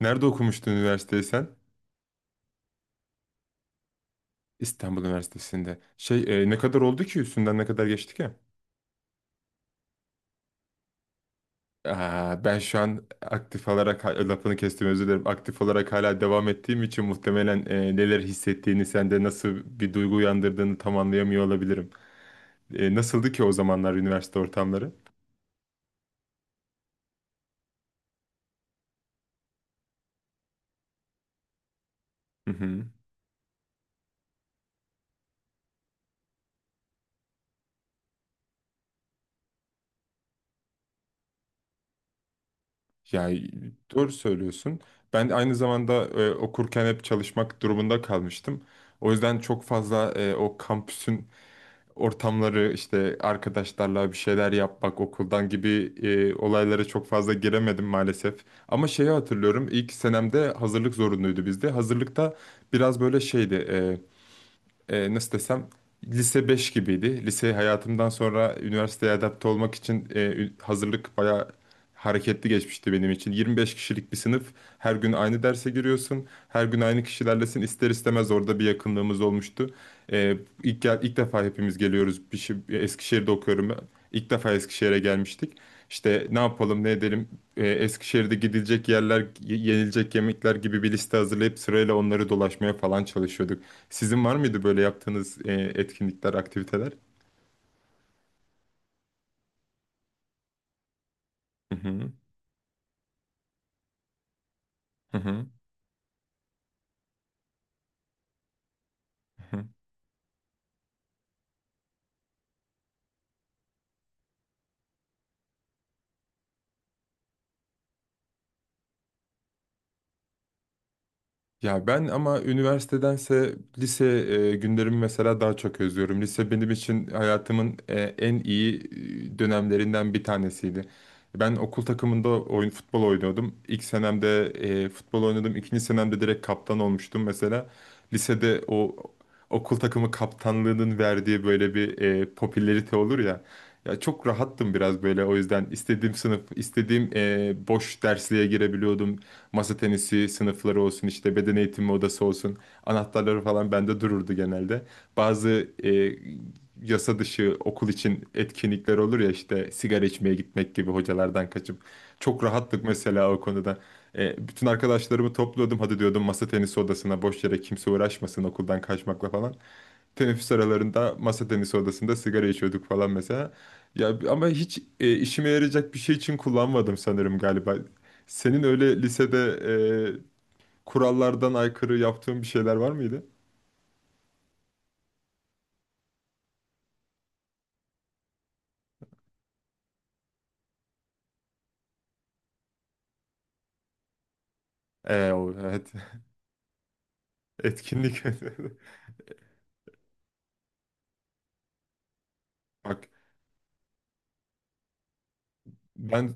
Nerede okumuştun üniversiteyi sen? İstanbul Üniversitesi'nde. Ne kadar oldu ki üstünden ne kadar geçti ki? Aa, ben şu an aktif olarak lafını kestim, özür dilerim. Aktif olarak hala devam ettiğim için muhtemelen neler hissettiğini, sende nasıl bir duygu uyandırdığını tam anlayamıyor olabilirim. Nasıldı ki o zamanlar üniversite ortamları? Hı hı. Yani doğru söylüyorsun. Ben aynı zamanda okurken hep çalışmak durumunda kalmıştım. O yüzden çok fazla o kampüsün ortamları, işte arkadaşlarla bir şeyler yapmak okuldan gibi olaylara çok fazla giremedim maalesef. Ama şeyi hatırlıyorum, ilk senemde hazırlık zorunluydu bizde. Hazırlıkta biraz böyle şeydi, nasıl desem, lise 5 gibiydi. Lise hayatımdan sonra üniversiteye adapte olmak için hazırlık bayağı hareketli geçmişti benim için. 25 kişilik bir sınıf. Her gün aynı derse giriyorsun. Her gün aynı kişilerlesin. İster istemez orada bir yakınlığımız olmuştu. E, ilk defa hepimiz geliyoruz. Bir şey, Eskişehir'de okuyorum ben. İlk defa Eskişehir'e gelmiştik. İşte ne yapalım ne edelim, Eskişehir'de gidilecek yerler, yenilecek yemekler gibi bir liste hazırlayıp sırayla onları dolaşmaya falan çalışıyorduk. Sizin var mıydı böyle yaptığınız etkinlikler, aktiviteler? Hı hı, hı hı. Ya ben ama üniversitedense lise günlerimi mesela daha çok özlüyorum. Lise benim için hayatımın en iyi dönemlerinden bir tanesiydi. Ben okul takımında oyun futbol oynuyordum. İlk senemde futbol oynadım. İkinci senemde direkt kaptan olmuştum mesela. Lisede o okul takımı kaptanlığının verdiği böyle bir popülerite olur ya. Ya çok rahattım, biraz böyle, o yüzden istediğim sınıf, istediğim boş dersliğe girebiliyordum. Masa tenisi sınıfları olsun, işte beden eğitimi odası olsun. Anahtarları falan bende dururdu genelde. Bazı yasa dışı okul için etkinlikler olur ya, işte sigara içmeye gitmek gibi hocalardan kaçıp. Çok rahattık mesela o konuda. Bütün arkadaşlarımı topluyordum. Hadi diyordum masa tenisi odasına, boş yere kimse uğraşmasın okuldan kaçmakla falan. Teneffüs aralarında masa tenisi odasında sigara içiyorduk falan mesela. Ya ama hiç işime yarayacak bir şey için kullanmadım sanırım galiba. Senin öyle lisede e, kurallardan aykırı yaptığın bir şeyler var mıydı? Evet. Etkinlik. Bak, ben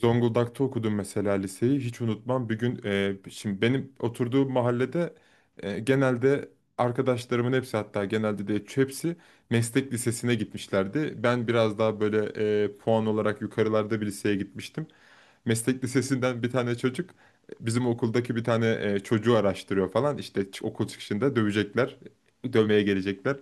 Zonguldak'ta okudum mesela liseyi. Hiç unutmam. Bir gün, şimdi benim oturduğum mahallede genelde arkadaşlarımın hepsi, hatta genelde de hepsi meslek lisesine gitmişlerdi. Ben biraz daha böyle puan olarak yukarılarda bir liseye gitmiştim, meslek lisesinden bir tane çocuk bizim okuldaki bir tane çocuğu araştırıyor falan. İşte okul çıkışında dövecekler, dövmeye gelecekler.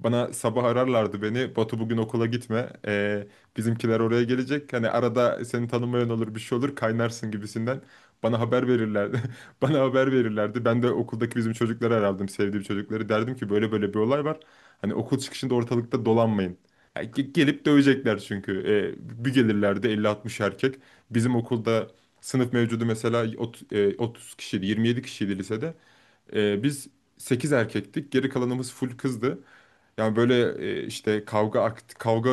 Bana sabah ararlardı beni. Batu, bugün okula gitme. Bizimkiler oraya gelecek. Hani arada seni tanımayan olur, bir şey olur, kaynarsın gibisinden. Bana haber verirlerdi. Bana haber verirlerdi. Ben de okuldaki bizim çocukları arardım, sevdiğim çocukları. Derdim ki böyle böyle bir olay var. Hani okul çıkışında ortalıkta dolanmayın. Yani gelip dövecekler çünkü. Bir gelirlerdi elli 60 erkek. Bizim okulda sınıf mevcudu mesela 30 kişiydi, 27 kişiydi lisede. Biz 8 erkektik, geri kalanımız full kızdı. Yani böyle işte kavga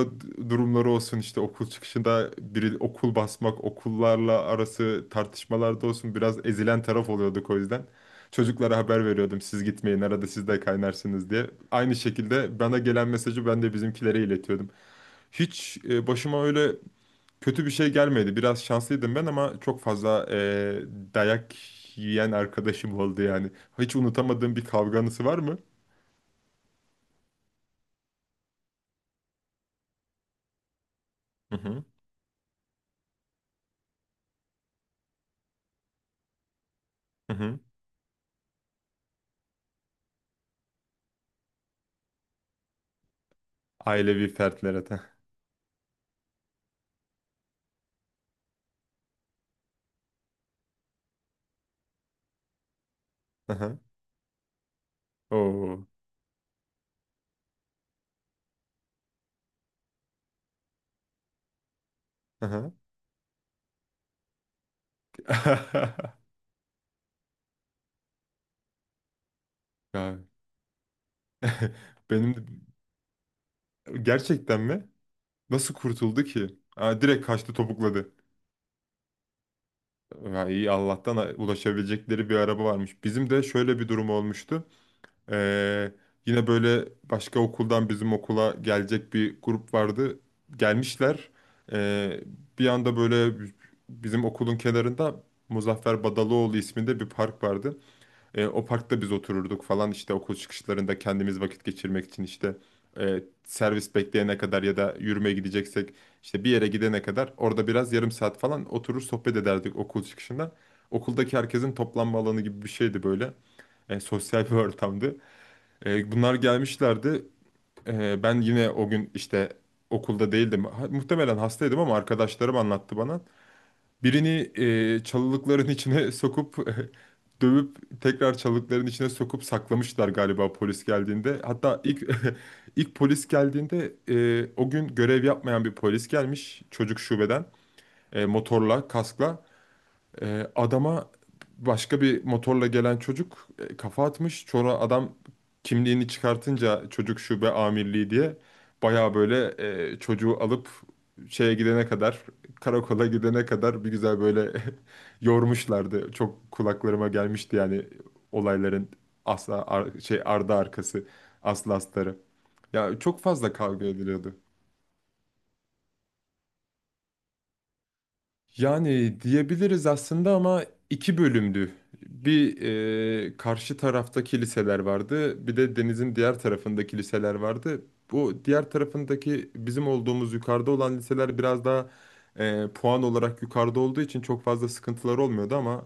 durumları olsun, işte okul çıkışında biri okul basmak, okullarla arası tartışmalarda olsun biraz ezilen taraf oluyorduk o yüzden. Çocuklara haber veriyordum, siz gitmeyin, arada siz de kaynarsınız diye. Aynı şekilde bana gelen mesajı ben de bizimkilere iletiyordum. Hiç başıma öyle kötü bir şey gelmedi. Biraz şanslıydım ben, ama çok fazla dayak yiyen arkadaşım oldu yani. Hiç unutamadığım bir kavganızı var mı? Hı hı. Hı hı. Ailevi fertlere de. Hı hı. Oo. Hı hı. Ya, Benim de- gerçekten mi? Nasıl kurtuldu ki? Aa, direkt kaçtı, topukladı. Ya iyi, Allah'tan ulaşabilecekleri bir araba varmış. Bizim de şöyle bir durum olmuştu. Ee, Yine böyle başka okuldan bizim okula gelecek bir grup vardı. Gelmişler. Ee, Bir anda böyle bizim okulun kenarında Muzaffer Badaloğlu isminde bir park vardı. O parkta biz otururduk falan, işte okul çıkışlarında kendimiz vakit geçirmek için, işte servis bekleyene kadar ya da yürümeye gideceksek işte bir yere gidene kadar orada biraz yarım saat falan oturur sohbet ederdik okul çıkışında. Okuldaki herkesin toplanma alanı gibi bir şeydi böyle. Sosyal bir ortamdı. Bunlar gelmişlerdi. Ben yine o gün işte okulda değildim. Muhtemelen hastaydım ama arkadaşlarım anlattı bana. Birini çalılıkların içine sokup dövüp tekrar çalılıkların içine sokup saklamışlar, galiba polis geldiğinde. Hatta ilk ilk polis geldiğinde o gün görev yapmayan bir polis gelmiş çocuk şubeden, motorla, kaskla. Adama başka bir motorla gelen çocuk kafa atmış. Sonra adam kimliğini çıkartınca çocuk şube amirliği diye baya böyle çocuğu alıp şeye gidene kadar karakola gidene kadar bir güzel böyle yormuşlardı. Çok kulaklarıma gelmişti yani olayların asla ar- şey ardı arkası, aslı astarı. Ya çok fazla kavga ediliyordu. Yani diyebiliriz aslında, ama iki bölümdü. Bir, karşı tarafta kiliseler vardı, bir de denizin diğer tarafında kiliseler vardı. Bu diğer tarafındaki bizim olduğumuz yukarıda olan liseler biraz daha puan olarak yukarıda olduğu için çok fazla sıkıntılar olmuyordu, ama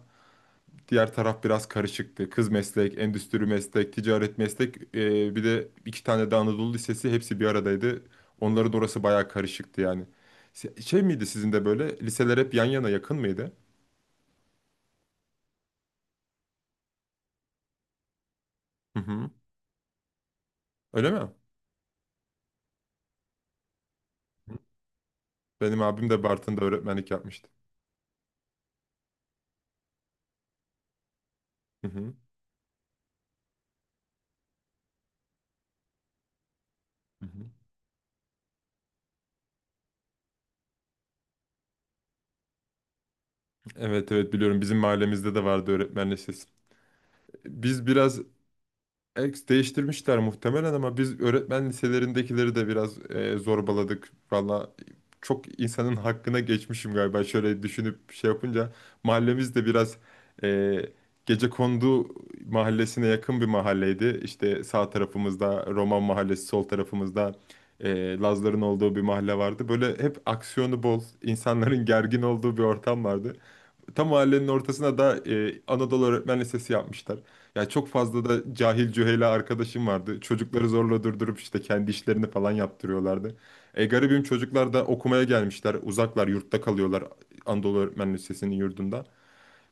diğer taraf biraz karışıktı. Kız meslek, endüstri meslek, ticaret meslek, bir de iki tane de Anadolu Lisesi, hepsi bir aradaydı. Onların orası bayağı karışıktı yani. Şey miydi, sizin de böyle liseler hep yan yana, yakın mıydı? Hı hı. Öyle mi? Hı. Benim abim de Bartın'da öğretmenlik yapmıştı. Hı hı. Hı hı. Evet, evet biliyorum, bizim mahallemizde de vardı öğretmen lisesi. Biz biraz Ex değiştirmişler muhtemelen, ama biz öğretmen liselerindekileri de biraz zorbaladık. Valla çok insanın hakkına geçmişim galiba şöyle düşünüp şey yapınca. Mahallemiz de biraz e, gecekondu mahallesine yakın bir mahalleydi. İşte sağ tarafımızda Roman mahallesi, sol tarafımızda Lazların olduğu bir mahalle vardı. Böyle hep aksiyonu bol, insanların gergin olduğu bir ortam vardı. Tam mahallenin ortasına da Anadolu Öğretmen Lisesi yapmışlar. Ya çok fazla da cahil cühela arkadaşım vardı. Çocukları zorla durdurup işte kendi işlerini falan yaptırıyorlardı. Garibim çocuklar da okumaya gelmişler. Uzaklar, yurtta kalıyorlar Anadolu Öğretmen Lisesi'nin yurdunda.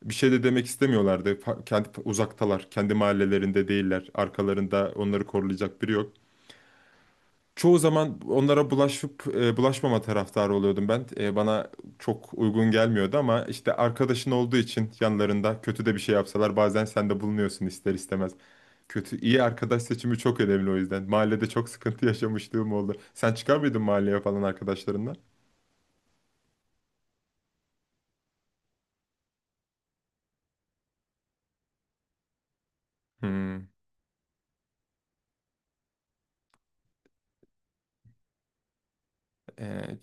Bir şey de demek istemiyorlardı. Kendi uzaktalar, kendi mahallelerinde değiller. Arkalarında onları koruyacak biri yok. Çoğu zaman onlara bulaşıp bulaşmama taraftarı oluyordum ben. Bana çok uygun gelmiyordu, ama işte arkadaşın olduğu için yanlarında kötü de bir şey yapsalar bazen sen de bulunuyorsun ister istemez. Kötü iyi arkadaş seçimi çok önemli o yüzden. Mahallede çok sıkıntı yaşamışlığım oldu. Sen çıkar mıydın mahalleye falan arkadaşlarından? Hmm. E,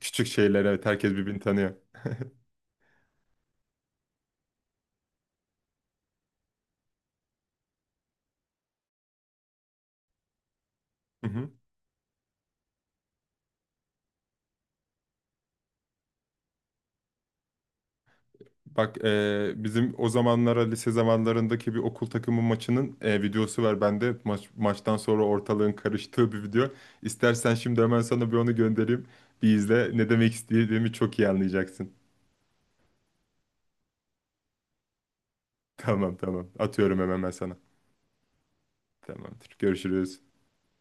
Küçük şeyler, evet, herkes birbirini tanıyor. Bak, bizim o zamanlara, lise zamanlarındaki bir okul takımı maçının videosu var bende. Maç, maçtan sonra ortalığın karıştığı bir video. İstersen şimdi hemen sana bir onu göndereyim. Bir izle. Ne demek istediğimi çok iyi anlayacaksın. Tamam, tamam. Atıyorum hemen ben sana. Tamamdır. Görüşürüz.